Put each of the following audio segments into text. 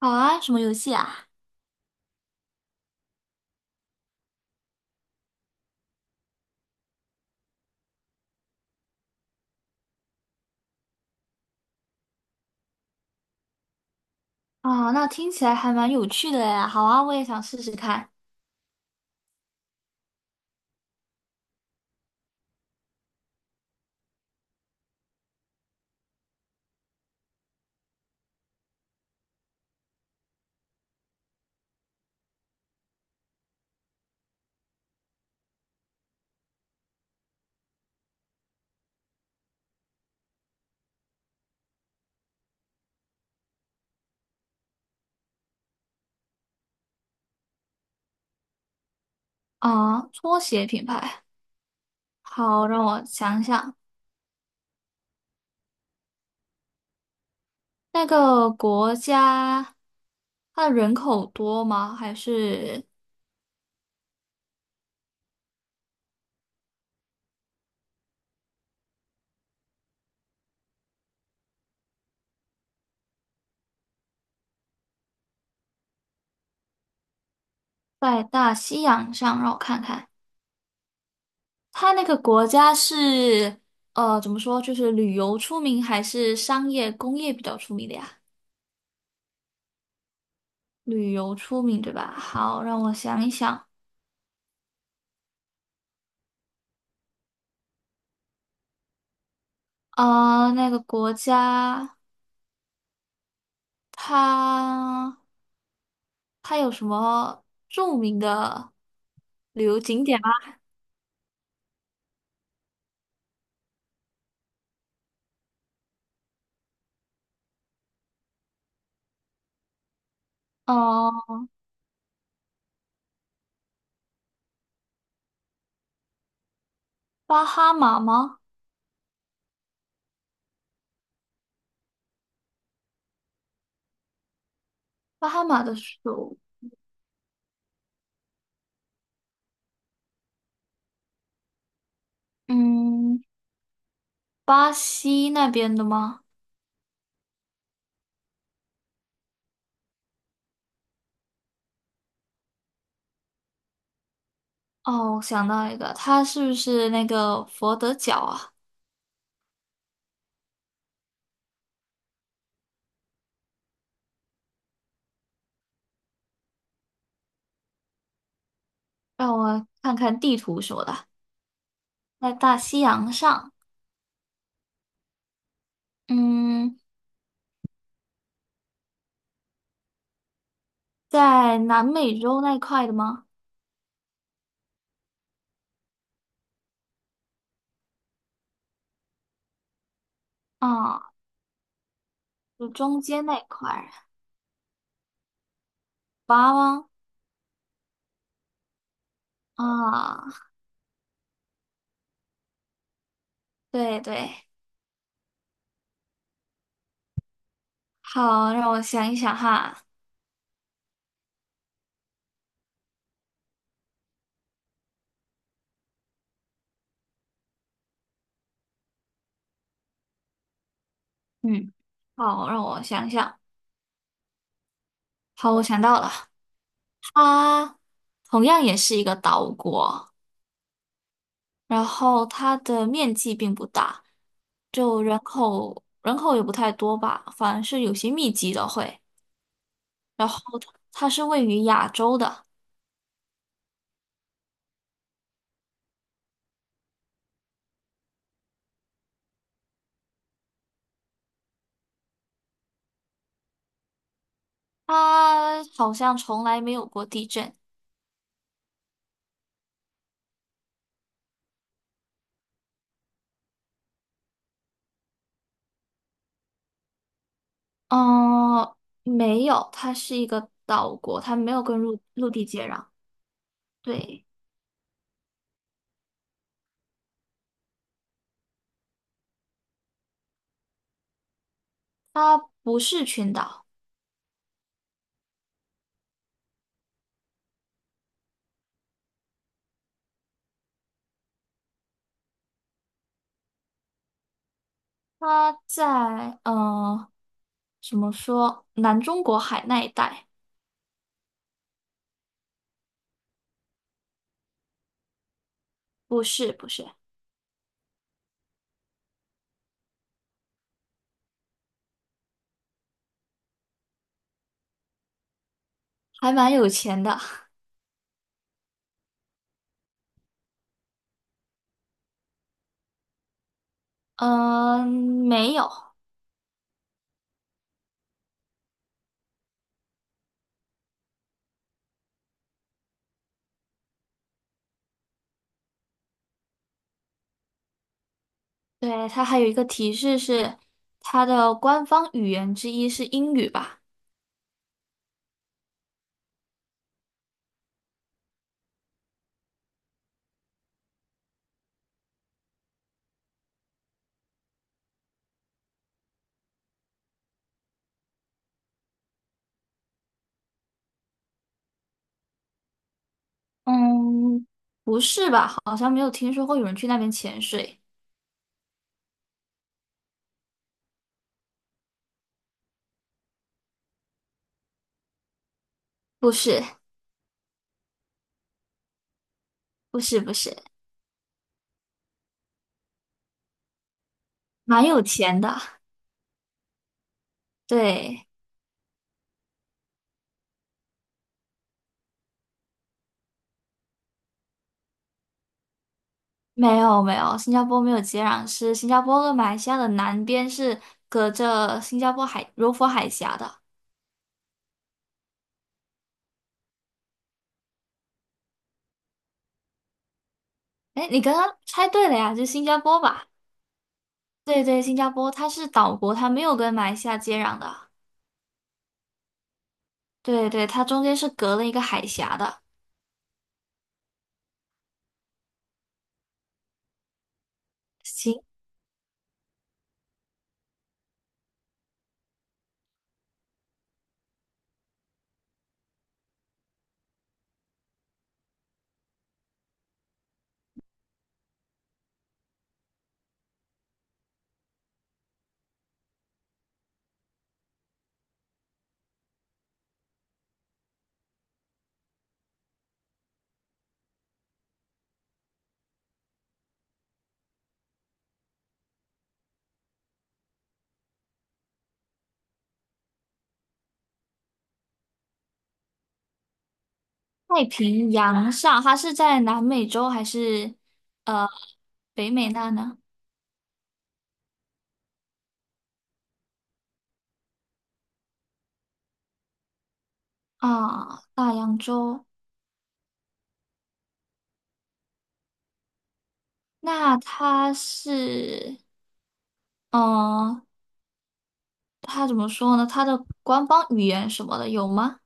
好啊，什么游戏啊？啊，那听起来还蛮有趣的呀。好啊，我也想试试看。啊，拖鞋品牌。好，让我想想，那个国家，它的人口多吗？还是在大西洋上？让我看看，它那个国家是，怎么说，就是旅游出名，还是商业工业比较出名的呀？旅游出名，对吧？好，让我想一想。啊，那个国家，它。它有什么著名的旅游景点吗？呃，巴哈马吗？巴哈马的首，嗯，巴西那边的吗？哦，我想到一个，它是不是那个佛得角啊？让我看看地图什么的，在大西洋上，嗯，在南美洲那块的吗？啊，就中间那块儿，巴吗？啊，对对，好，让我想一想哈。嗯，好，让我想想。好，我想到了，它同样也是一个岛国，然后它的面积并不大，就人口也不太多吧，反而是有些密集的会。然后它是位于亚洲的，它好像从来没有过地震。嗯，没有，它是一个岛国，它没有跟陆地接壤。对，它不是群岛，它在嗯。怎么说？南中国海那一带？不是，不是，还蛮有钱的。嗯，没有。对，它还有一个提示是，它的官方语言之一是英语吧？嗯，不是吧？好像没有听说过有人去那边潜水。不是，不是，不是，蛮有钱的。对，没有，没有，新加坡没有接壤是新加坡跟马来西亚的南边是隔着新加坡海柔佛海峡的。哎，你刚刚猜对了呀，就是新加坡吧？对对，新加坡它是岛国，它没有跟马来西亚接壤的。对对，它中间是隔了一个海峡的。行，太平洋上，它是在南美洲还是呃北美那呢？啊，大洋洲。那它是，嗯、它怎么说呢？它的官方语言什么的有吗？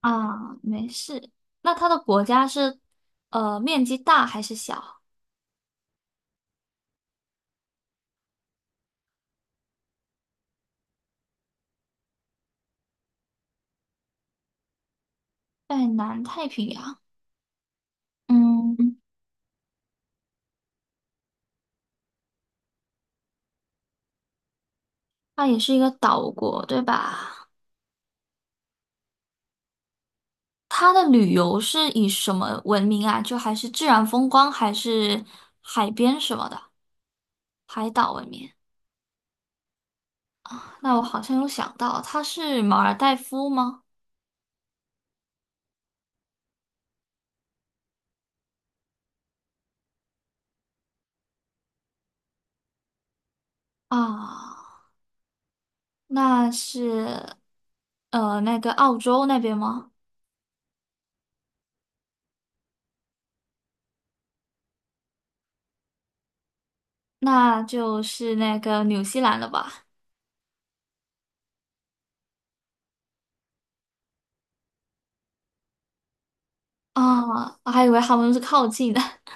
啊，没事。那它的国家是面积大还是小？在南太平洋。嗯。它也是一个岛国，对吧？它的旅游是以什么闻名啊？就还是自然风光，还是海边什么的，海岛闻名？那我好像有想到，它是马尔代夫吗？啊，那是那个澳洲那边吗？那就是那个纽西兰了吧？啊，我还以为他们是靠近的。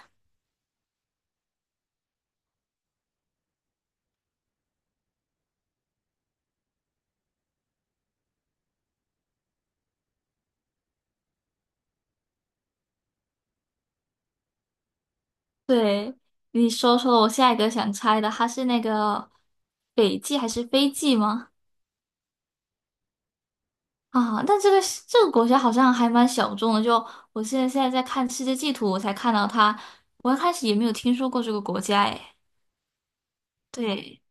对，你说说我下一个想猜的，它是那个北极还是非极吗？啊，但这个是这个国家好像还蛮小众的。就我现在在看世界地图，我才看到它。我一开始也没有听说过这个国家，诶。对，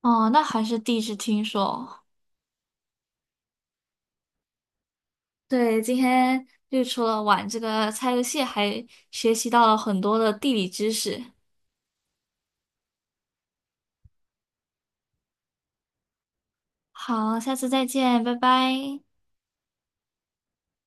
哦，那还是第一次听说。对，今天就除了玩这个猜游戏，还学习到了很多的地理知识。好，下次再见，拜拜。